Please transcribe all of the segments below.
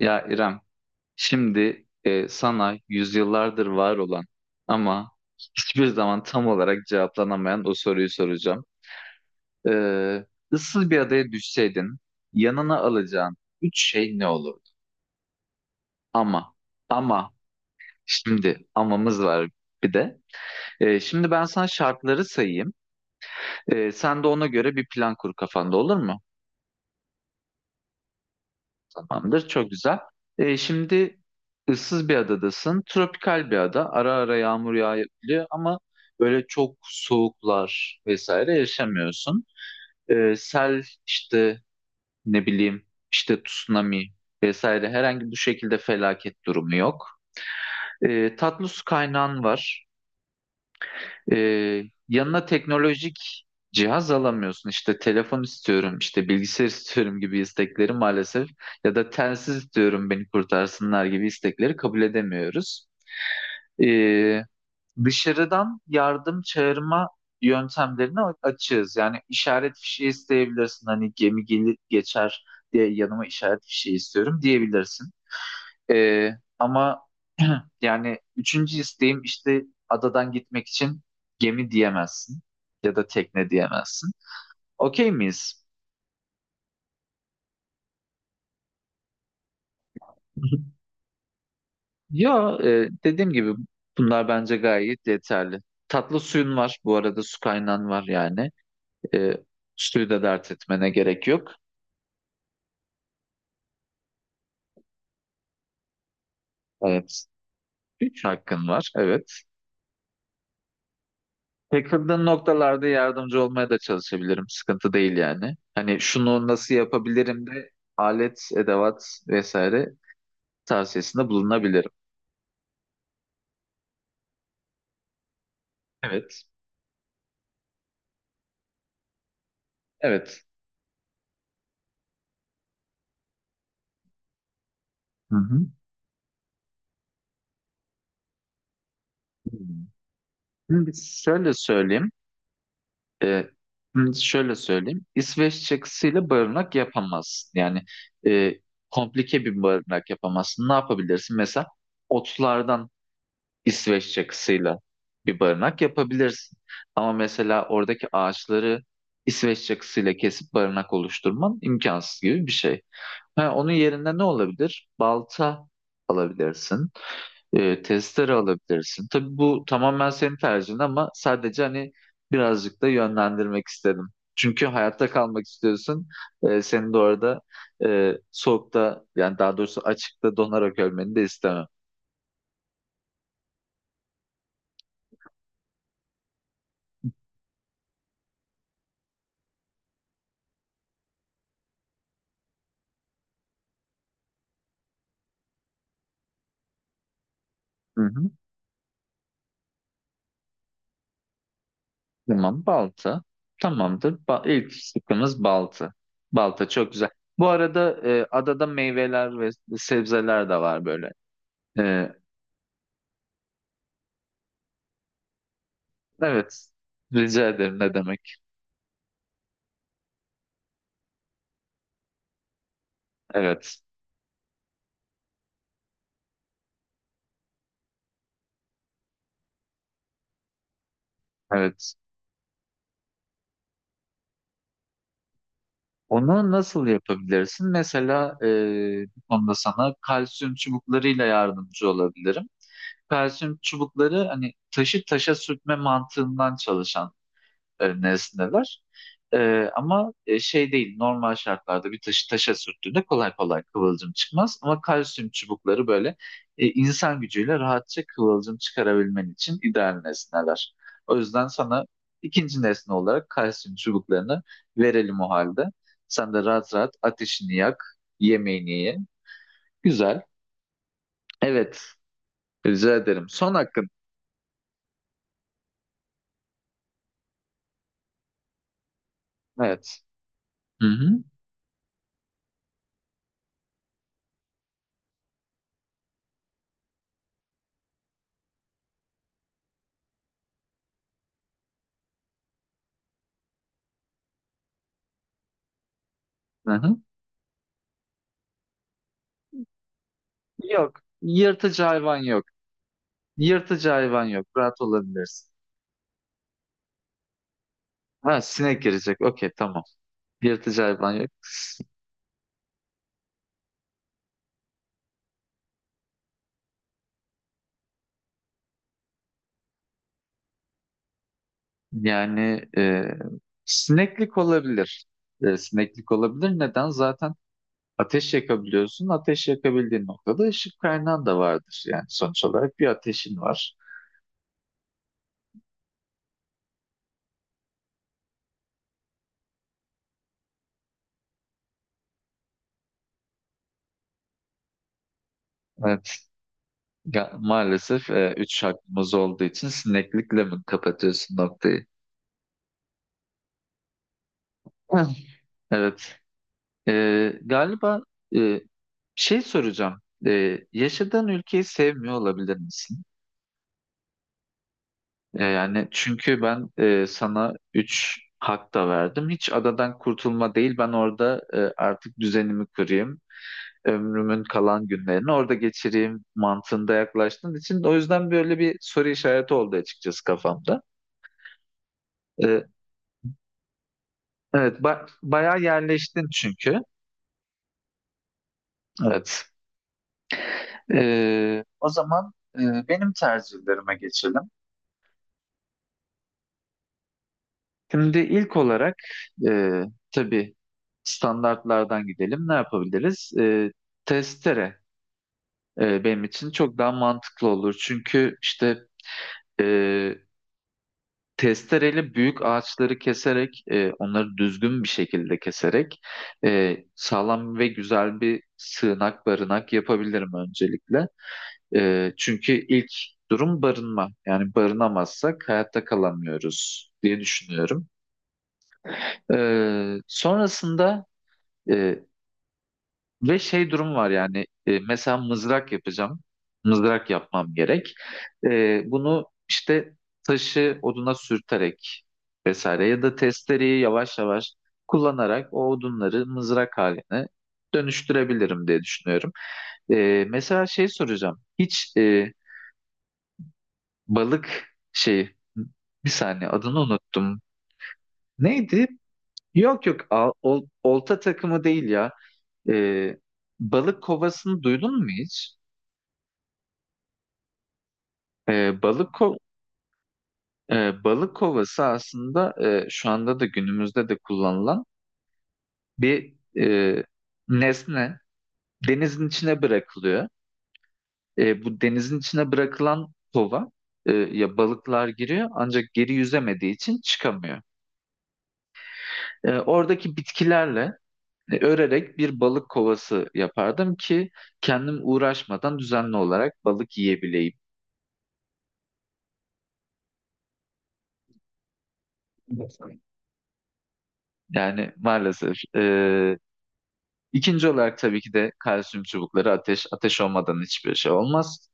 Ya İrem, şimdi sana yüzyıllardır var olan ama hiçbir zaman tam olarak cevaplanamayan o soruyu soracağım. Ee, ıssız bir adaya düşseydin, yanına alacağın üç şey ne olurdu? Ama, ama, şimdi amamız var bir de. Şimdi ben sana şartları sayayım. Sen de ona göre bir plan kur kafanda olur mu? Tamamdır. Çok güzel. Şimdi ıssız bir adadasın. Tropikal bir ada. Ara ara yağmur yağabiliyor ama böyle çok soğuklar vesaire yaşamıyorsun. Sel işte ne bileyim işte tsunami vesaire herhangi bu şekilde felaket durumu yok. Tatlı su kaynağın var. Ee, Yanına teknolojik cihaz alamıyorsun. İşte telefon istiyorum, işte bilgisayar istiyorum gibi istekleri maalesef ya da telsiz istiyorum beni kurtarsınlar gibi istekleri kabul edemiyoruz. Ee, Dışarıdan yardım çağırma yöntemlerini açığız. Yani işaret fişeği isteyebilirsin. Hani gemi gelip geçer diye yanıma işaret fişeği istiyorum diyebilirsin. Ee, ama yani üçüncü isteğim işte adadan gitmek için gemi diyemezsin ya da tekne diyemezsin. Okey miyiz? Ya dediğim gibi bunlar bence gayet yeterli. Tatlı suyun var bu arada su kaynağın var yani. E, Suyu da dert etmene gerek yok. Evet. Üç hakkın var evet. Takıldığın noktalarda yardımcı olmaya da çalışabilirim. Sıkıntı değil yani. Hani şunu nasıl yapabilirim de alet, edevat vesaire tavsiyesinde bulunabilirim. Evet. Evet. Hı hı. Şimdi şöyle söyleyeyim. E, Şimdi şöyle söyleyeyim. İsveç çakısıyla barınak yapamazsın. Yani e, komplike bir barınak yapamazsın. Ne yapabilirsin? Mesela otlardan İsveç çakısıyla bir barınak yapabilirsin. Ama mesela oradaki ağaçları İsveç çakısıyla kesip barınak oluşturman imkansız gibi bir şey. Ha, onun yerine ne olabilir? Balta alabilirsin, testere alabilirsin. Tabii bu tamamen senin tercihin ama sadece hani birazcık da yönlendirmek istedim. Çünkü hayatta kalmak istiyorsun. Senin de orada soğukta yani daha doğrusu açıkta donarak ölmeni de istemem. Hı hı. Tamam balta. Tamamdır. Ba ilk sıkımız balta. Balta çok güzel. Bu arada adada meyveler ve sebzeler de var böyle. E, evet. Rica ederim ne demek. Evet. Evet. Onu nasıl yapabilirsin? Mesela bu konuda sana kalsiyum çubuklarıyla yardımcı olabilirim. Kalsiyum çubukları hani taşı taşa sürtme mantığından çalışan neresindeler. E, Ama şey değil normal şartlarda bir taşı taşa sürttüğünde kolay kolay kıvılcım çıkmaz. Ama kalsiyum çubukları böyle insan gücüyle rahatça kıvılcım çıkarabilmen için ideal nesneler. O yüzden sana ikinci nesne olarak kalsiyum çubuklarını verelim o halde. Sen de rahat rahat ateşini yak, yemeğini ye. Güzel. Evet, rica ederim. Son hakkın. Evet. Hı hı. Hı hı. Yok. Yırtıcı hayvan yok. Yırtıcı hayvan yok. Rahat olabilirsin. Ha sinek girecek. Okey tamam. Yırtıcı hayvan yok. S- Yani sineklik olabilir. Sineklik olabilir. Neden? Zaten ateş yakabiliyorsun. Ateş yakabildiğin noktada ışık kaynağın da vardır. Yani sonuç olarak bir ateşin var. Evet. Ya, maalesef üç hakkımız olduğu için sineklikle mi kapatıyorsun noktayı? Evet. E, Galiba e, şey soracağım. Yaşadığın ülkeyi sevmiyor olabilir misin? Yani çünkü ben sana 3 hak da verdim. Hiç adadan kurtulma değil. Ben orada artık düzenimi kurayım. Ömrümün kalan günlerini orada geçireyim mantığında yaklaştığın için. O yüzden böyle bir soru işareti oldu açıkçası kafamda. Ee, evet, ba- bayağı yerleştin çünkü. Evet. O zaman benim tercihlerime geçelim. Şimdi ilk olarak e, tabii standartlardan gidelim. Ne yapabiliriz? Testere benim için çok daha mantıklı olur. Çünkü işte e, testereyle büyük ağaçları keserek, onları düzgün bir şekilde keserek sağlam ve güzel bir sığınak barınak yapabilirim öncelikle. Çünkü ilk durum barınma. Yani barınamazsak hayatta kalamıyoruz diye düşünüyorum. E, sonrasında Ee, Ve şey durum var yani mesela mızrak yapacağım. Mızrak yapmam gerek. Bunu işte taşı oduna sürterek vesaire ya da testereyi yavaş yavaş kullanarak o odunları mızrak haline dönüştürebilirim diye düşünüyorum. Mesela şey soracağım. Hiç balık şey bir saniye adını unuttum. Neydi? Yok yok olta takımı değil ya. Ee, Balık kovasını duydun mu hiç? Ee, balık ko- Balık kovası aslında şu anda da günümüzde de kullanılan bir e, nesne. Denizin içine bırakılıyor. Bu denizin içine bırakılan kova ya balıklar giriyor ancak geri yüzemediği için çıkamıyor. Oradaki bitkilerle örerek bir balık kovası yapardım ki kendim uğraşmadan düzenli olarak balık yiyebileyim. Yani maalesef İkinci olarak tabii ki de kalsiyum çubukları ateş olmadan hiçbir şey olmaz.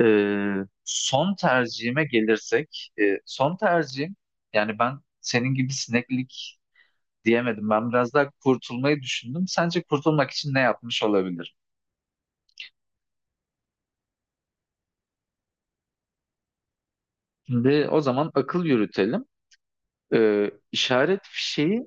Ee, Son tercihime gelirsek, son tercihim yani ben senin gibi sineklik diyemedim. Ben biraz daha kurtulmayı düşündüm. Sence kurtulmak için ne yapmış olabilir? Şimdi o zaman akıl yürütelim. İşaret fişeği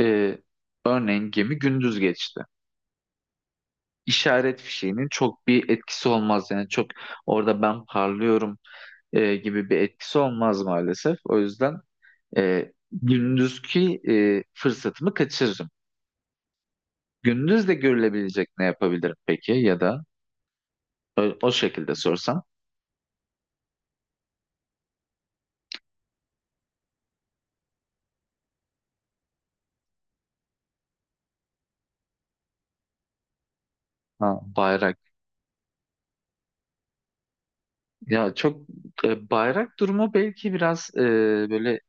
e, örneğin gemi gündüz geçti. İşaret fişeğinin çok bir etkisi olmaz yani çok orada ben parlıyorum gibi bir etkisi olmaz maalesef. O yüzden gündüzki fırsatımı kaçırırım. Gündüz de görülebilecek ne yapabilirim peki ya da o şekilde sorsam. Ha, bayrak. Ya çok bayrak durumu belki biraz böyle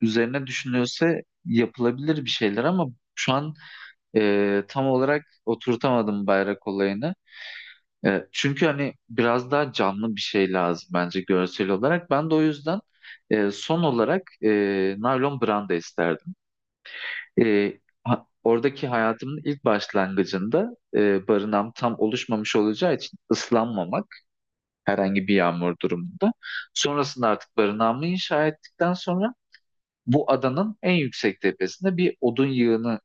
üzerine düşünülse yapılabilir bir şeyler ama şu an tam olarak oturtamadım bayrak olayını. Çünkü hani biraz daha canlı bir şey lazım bence görsel olarak. Ben de o yüzden son olarak naylon branda isterdim. E, Oradaki hayatımın ilk başlangıcında barınağım tam oluşmamış olacağı için ıslanmamak herhangi bir yağmur durumunda. Sonrasında artık barınağımı inşa ettikten sonra bu adanın en yüksek tepesinde bir odun yığını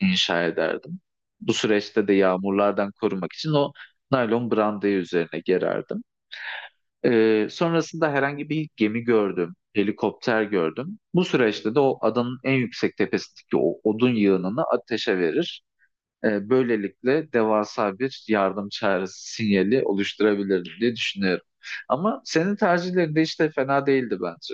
inşa ederdim. Bu süreçte de yağmurlardan korumak için o naylon brandayı üzerine gererdim. Sonrasında herhangi bir gemi gördüm, helikopter gördüm. Bu süreçte de o adanın en yüksek tepesindeki o odun yığınını ateşe verir. Böylelikle devasa bir yardım çağrısı sinyali oluşturabilirim diye düşünüyorum. Ama senin tercihlerin de işte fena değildi bence.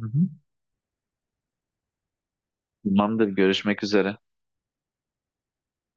Hı hı. Tamamdır, görüşmek üzere.